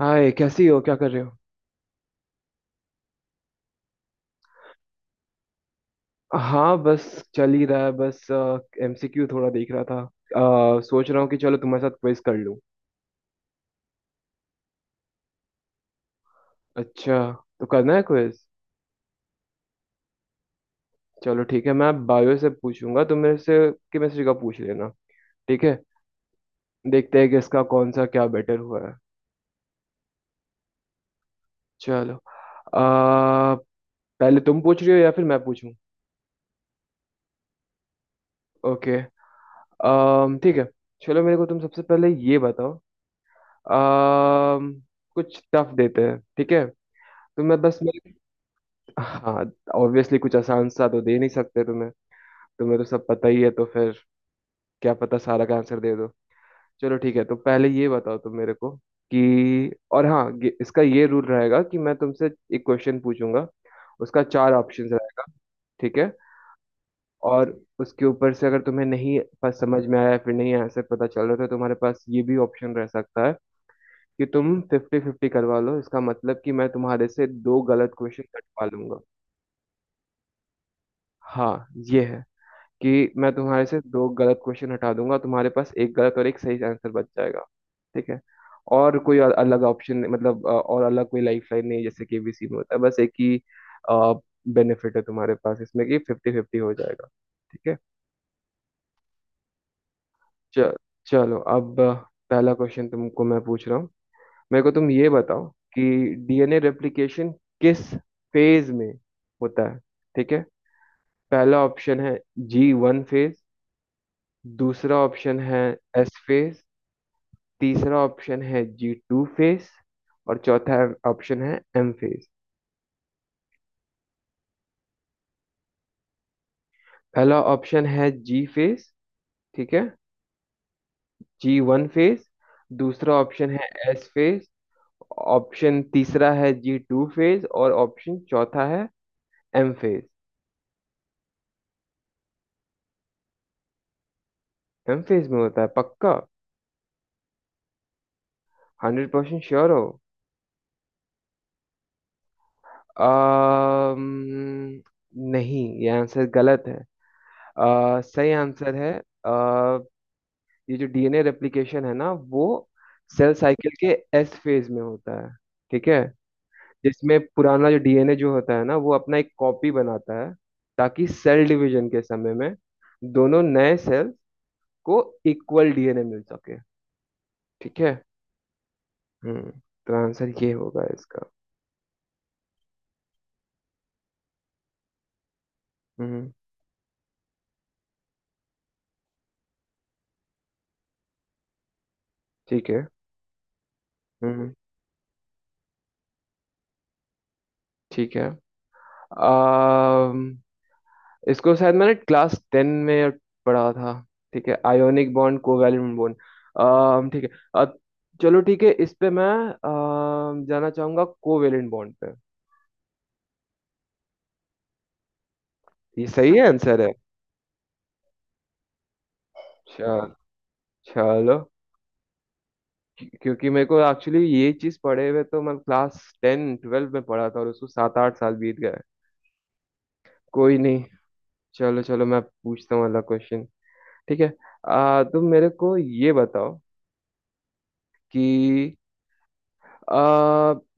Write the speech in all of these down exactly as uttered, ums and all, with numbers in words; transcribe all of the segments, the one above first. हाय, कैसी हो? क्या कर रहे हो? हाँ, बस चल ही रहा है। बस एम सी क्यू थोड़ा देख रहा था। अ, सोच रहा हूँ कि चलो तुम्हारे साथ क्विज कर लूँ। अच्छा, तो करना है क्विज। चलो ठीक है, मैं बायो से पूछूंगा, तुम मेरे से केमिस्ट्री का पूछ लेना। ठीक है। देखते हैं कि इसका कौन सा क्या बेटर हुआ है। चलो। अ, पहले तुम पूछ रही हो या फिर मैं पूछूं? ओके। अम, ठीक है। चलो, मेरे को तुम सबसे पहले ये बताओ। अम, कुछ टफ देते हैं, ठीक है। तो मैं बस मैं... हाँ। ऑब्वियसली कुछ आसान सा तो दे नहीं सकते तुम्हें। तुम्हें तो सब पता ही है, तो फिर क्या पता सारा का आंसर दे दो। चलो ठीक है, तो पहले ये बताओ तुम मेरे को कि, और हाँ, ये- इसका ये रूल रहेगा कि मैं तुमसे एक क्वेश्चन पूछूंगा, उसका चार ऑप्शन रहेगा। ठीक है। और उसके ऊपर से अगर तुम्हें नहीं पास समझ में आया, फिर नहीं आंसर पता चल रहा, तो तुम्हारे पास ये भी ऑप्शन रह सकता है कि तुम फिफ्टी फिफ्टी करवा लो। इसका मतलब कि मैं तुम्हारे से दो गलत क्वेश्चन कटवा लूंगा। हाँ ये है कि मैं तुम्हारे से दो गलत क्वेश्चन हटा दूंगा, तुम्हारे पास एक गलत और एक सही आंसर बच जाएगा। ठीक है। और कोई अ- अलग ऑप्शन, मतलब अ, और अलग कोई लाइफ लाइन नहीं जैसे कि ए बी सी में होता है। बस एक ही बेनिफिट है तुम्हारे पास इसमें कि फिफ्टी फिफ्टी हो जाएगा। ठीक है। च- चलो, अब अ, पहला क्वेश्चन तुमको मैं पूछ रहा हूँ। मेरे को तुम ये बताओ कि डी एन ए रेप्लिकेशन किस फेज में होता है? ठीक है। पहला ऑप्शन है जी वन फेज। दूसरा ऑप्शन है एस फेज। तीसरा ऑप्शन है जी टू फेस। और चौथा ऑप्शन है एम फेस। पहला ऑप्शन है जी फेस, ठीक है, जी वन फेस। दूसरा ऑप्शन है एस फेस। ऑप्शन तीसरा है जी टू फेस, और ऑप्शन चौथा है एम फेस। एम फेस में होता है पक्का? हंड्रेड परसेंट श्योर हो? अम्म, नहीं, ये आंसर गलत है। अ, सही आंसर है... आ, ये जो डीएनए रेप्लिकेशन है ना वो सेल साइकिल के एस फेज में होता है। ठीक है। जिसमें पुराना जो डीएनए जो होता है ना वो अपना एक कॉपी बनाता है, ताकि सेल डिवीजन के समय में दोनों नए सेल को इक्वल डीएनए मिल सके। ठीक है। हम्म, तो आंसर ये होगा इसका। हम्म। ठीक है। हम्म, ठीक है। आ, इसको शायद मैंने क्लास टेन में पढ़ा था। ठीक है, ionic bond, covalent bond... um, ठीक है। अ, चलो ठीक है, इस पे मैं अम, जाना चाहूंगा कोवैलेंट बॉन्ड पे। ये सही है आंसर है? चल, चलो। क्यो- क्योंकि मेरे को एक्चुअली ये चीज पढ़े हुए... तो मैं क्लास टेन ट्वेल्व में पढ़ा था और उसको सात आठ साल बीत गए। कोई नहीं। चलो, चलो, मैं पूछता हूँ अगला क्वेश्चन। ठीक है। आ, तुम मेरे को ये बताओ कि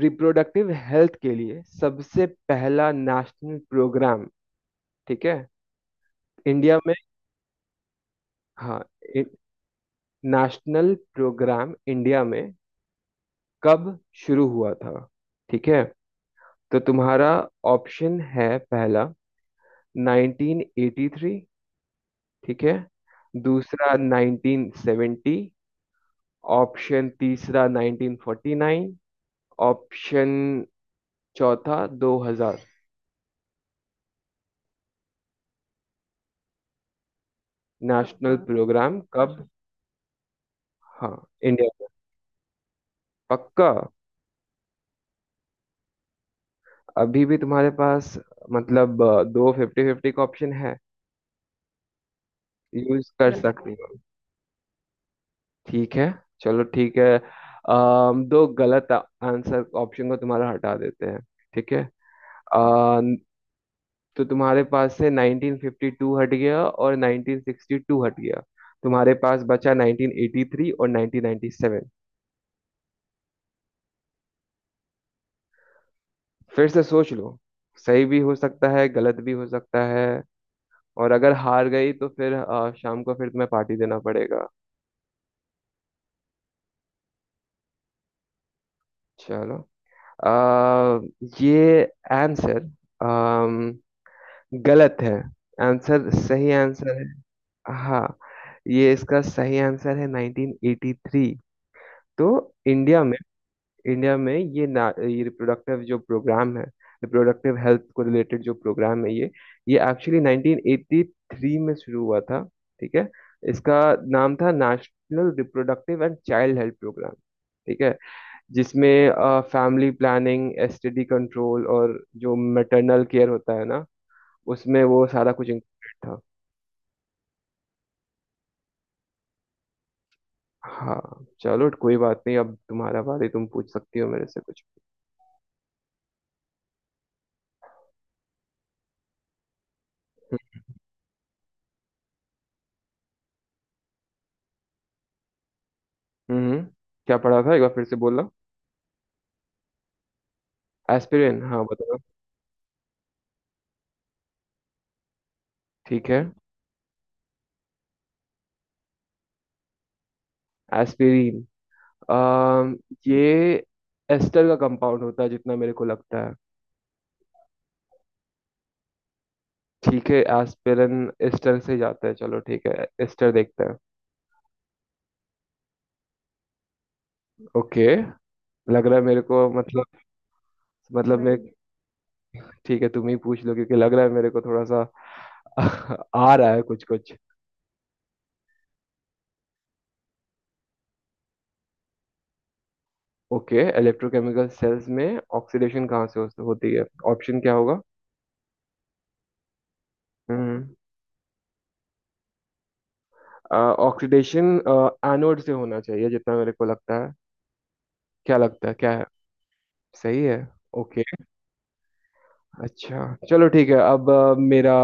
रिप्रोडक्टिव हेल्थ के लिए सबसे पहला नेशनल प्रोग्राम, ठीक है, इंडिया में... हाँ, नेशनल प्रोग्राम इंडिया में कब शुरू हुआ था? ठीक है। तो तुम्हारा ऑप्शन है पहला नाइनटीन एटी थ्री, ठीक है। दूसरा नाइनटीन सेवेंटी। ऑप्शन तीसरा नाइनटीन फोर्टी नाइन। ऑप्शन चौथा दो हज़ार। नेशनल प्रोग्राम कब... हाँ। इंडिया। पक्का? अभी भी तुम्हारे पास, मतलब अ, दो फिफ्टी फिफ्टी का ऑप्शन है, यूज कर सकती, बिल्कुल हो, ठीक है। चलो ठीक है, अम, दो गलत आंसर ऑप्शन को तुम्हारा हटा देते हैं, ठीक है। अ, तो तुम्हारे पास से नाइनटीन फिफ्टी टू हट गया और नाइनटीन सिक्स्टी टू हट गया, तुम्हारे पास बचा नाइनटीन एटी थ्री और नाइनटीन नाइनटी सेवन। फिर से सोच लो, सही भी हो सकता है गलत भी हो सकता है, और अगर हार गई तो फिर अ, शाम को फिर तुम्हें पार्टी देना पड़ेगा। चलो। आ, ये आंसर गलत है। आंसर सही आंसर है। हाँ, ये इसका सही आंसर है नाइनटीन एटी थ्री। तो इंडिया में इंडिया में ये ना, ये रिप्रोडक्टिव जो प्रोग्राम है, रिप्रोडक्टिव हेल्थ को रिलेटेड जो प्रोग्राम है ये ये एक्चुअली नाइनटीन एटी थ्री में शुरू हुआ था। ठीक है। इसका नाम था national reproductive and child health program. ठीक है। जिसमें family planning, S T D control, और जो मैटरनल केयर होता है ना, उसमें वो सारा कुछ इंक्लूडेड था। हाँ, चलो कोई बात नहीं। अब तुम्हारा बारी, तुम पूछ सकती हो मेरे से कुछ। हम्म, क्या पढ़ा था एक बार फिर से बोलना? एस्पिरिन, हाँ, बताओ। ठीक है, एस्पिरिन। अम ये एस्टर का कंपाउंड होता है जितना मेरे को लगता है। ठीक है, एस्पिरिन एस्टर से जाता है, चलो ठीक है, एस्टर देखते हैं। ओके। लग रहा है मेरे को, मतलब... मतलब मैं... ठीक है, तुम ही पूछ लो, क्योंकि लग रहा है मेरे को थोड़ा सा आ रहा है, कुछ कुछ। ओके, इलेक्ट्रोकेमिकल सेल्स में ऑक्सीडेशन कहाँ से हो- होती है? ऑप्शन क्या होगा? हम्म। ऑक्सीडेशन एनोड से होना चाहिए जितना मेरे को लगता है। क्या लगता है क्या है? सही है? ओके। अच्छा चलो ठीक है, अब अ, मेरा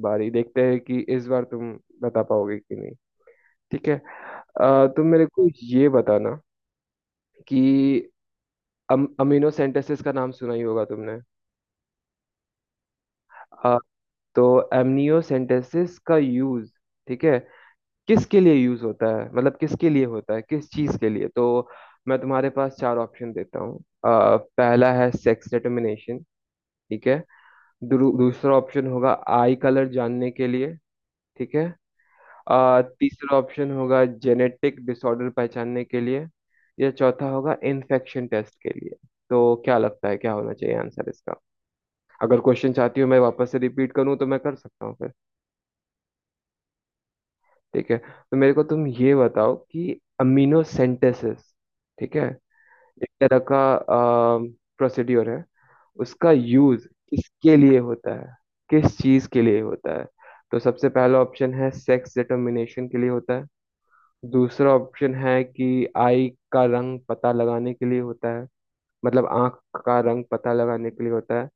बारी, देखते हैं कि इस बार तुम बता पाओगे कि नहीं। ठीक है। अ, तुम मेरे को ये बताना कि अम, अमीनो सेंटेसिस का नाम सुना ही होगा तुमने? तो एमनियोसेंटेसिस का यूज, ठीक है, किसके लिए यूज होता है, मतलब किसके लिए होता है, किस चीज के लिए? तो मैं तुम्हारे पास चार ऑप्शन देता हूँ। अ, पहला है सेक्स डिटर्मिनेशन, ठीक है। दूर- दूसरा ऑप्शन होगा आई कलर जानने के लिए, ठीक है। अ, तीसरा ऑप्शन होगा जेनेटिक डिसऑर्डर पहचानने के लिए, या चौथा होगा इन्फेक्शन टेस्ट के लिए। तो क्या लगता है क्या होना चाहिए आंसर इसका? अगर क्वेश्चन चाहती हो मैं वापस से रिपीट करूँ तो मैं कर सकता हूँ फिर। ठीक है, तो मेरे को तुम ये बताओ कि अमीनो सेंटेसिस, ठीक है, एक तरह का प्रोसीड्योर है। उसका यूज किसके लिए होता है, किस चीज के लिए होता है? तो सबसे पहला ऑप्शन है सेक्स डिटरमिनेशन के लिए होता है। दूसरा ऑप्शन है कि आई का रंग पता लगाने के लिए होता है, मतलब आंख का रंग पता लगाने के लिए होता है।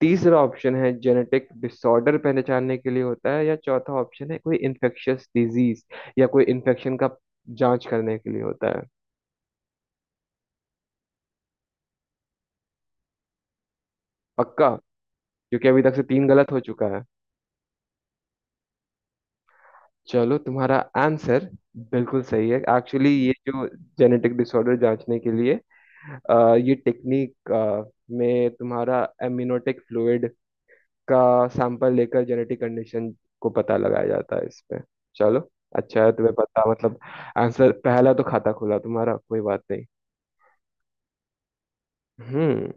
तीसरा ऑप्शन है जेनेटिक डिसऑर्डर पहचानने के लिए होता है, या चौथा ऑप्शन है कोई इन्फेक्शियस डिजीज या कोई इन्फेक्शन का जांच करने के लिए होता है। पक्का? क्योंकि अभी तक से तीन गलत हो चुका है। चलो, तुम्हारा आंसर बिल्कुल सही है। एक्चुअली ये जो जेनेटिक डिसऑर्डर जांचने के लिए अ, ये टेक्निक में, तुम्हारा एमनियोटिक फ्लूइड का सैंपल लेकर जेनेटिक कंडीशन को पता लगाया जाता है इसमें। चलो, अच्छा है तुम्हें पता, मतलब... आंसर पहला तो खाता खुला तुम्हारा, कोई बात नहीं। हम्म,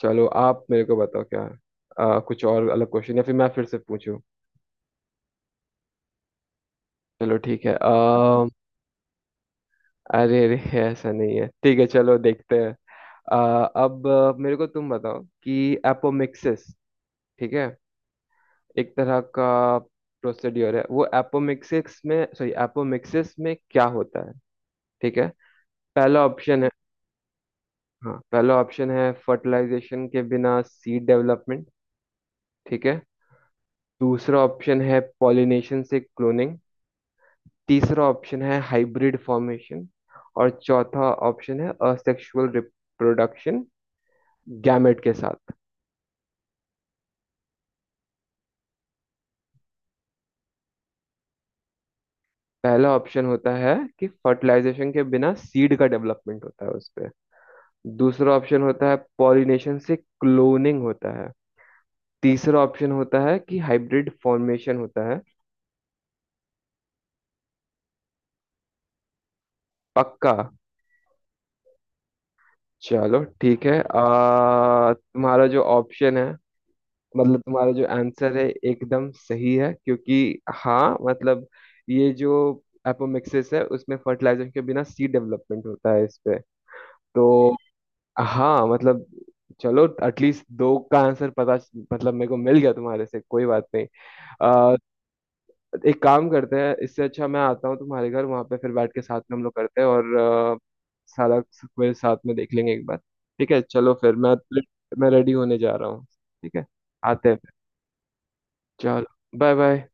चलो आप मेरे को बताओ क्या है? अ, कुछ और अलग क्वेश्चन या फिर मैं फिर से पूछूं? चलो ठीक है। आ, अरे अरे, ऐसा नहीं है, ठीक है, चलो देखते हैं। अ, अब अ, मेरे को तुम बताओ कि एपोमिक्सिस, ठीक है, एक तरह का प्रोसीड्योर है वो। एपोमिक्सिस में, सॉरी, एपोमिक्सिस में क्या होता है? ठीक है। पहला ऑप्शन है... हाँ, पहला ऑप्शन है फर्टिलाइजेशन के बिना सीड डेवलपमेंट, ठीक है। दूसरा ऑप्शन है पॉलिनेशन से क्लोनिंग। तीसरा ऑप्शन है हाइब्रिड फॉर्मेशन। और चौथा ऑप्शन है असेक्सुअल रिप्रोडक्शन गैमेट के साथ। पहला ऑप्शन होता है कि फर्टिलाइजेशन के बिना सीड का डेवलपमेंट होता है उस पे। दूसरा ऑप्शन होता है पॉलिनेशन से क्लोनिंग होता है। तीसरा ऑप्शन होता है कि हाइब्रिड फॉर्मेशन होता है। पक्का? चलो ठीक है। आ, तुम्हारा जो ऑप्शन है, मतलब तुम्हारा जो आंसर है, एकदम सही है, क्योंकि हाँ मतलब ये जो एपोमिक्सिस है उसमें फर्टिलाइजेशन के बिना सीड डेवलपमेंट होता है इस पे। तो हाँ मतलब, चलो एटलीस्ट दो का आंसर पता, मतलब मेरे को मिल गया तुम्हारे से, कोई बात नहीं। एक काम करते हैं, इससे अच्छा मैं आता हूँ तुम्हारे घर वहां पे, फिर बैठ के साथ में हम लोग करते हैं, और अ, सारा क्विज साथ में देख लेंगे एक बार। ठीक है, चलो फिर मैं... मैं रेडी होने जा रहा हूँ, ठीक है, आते हैं फिर। चलो बाय बाय।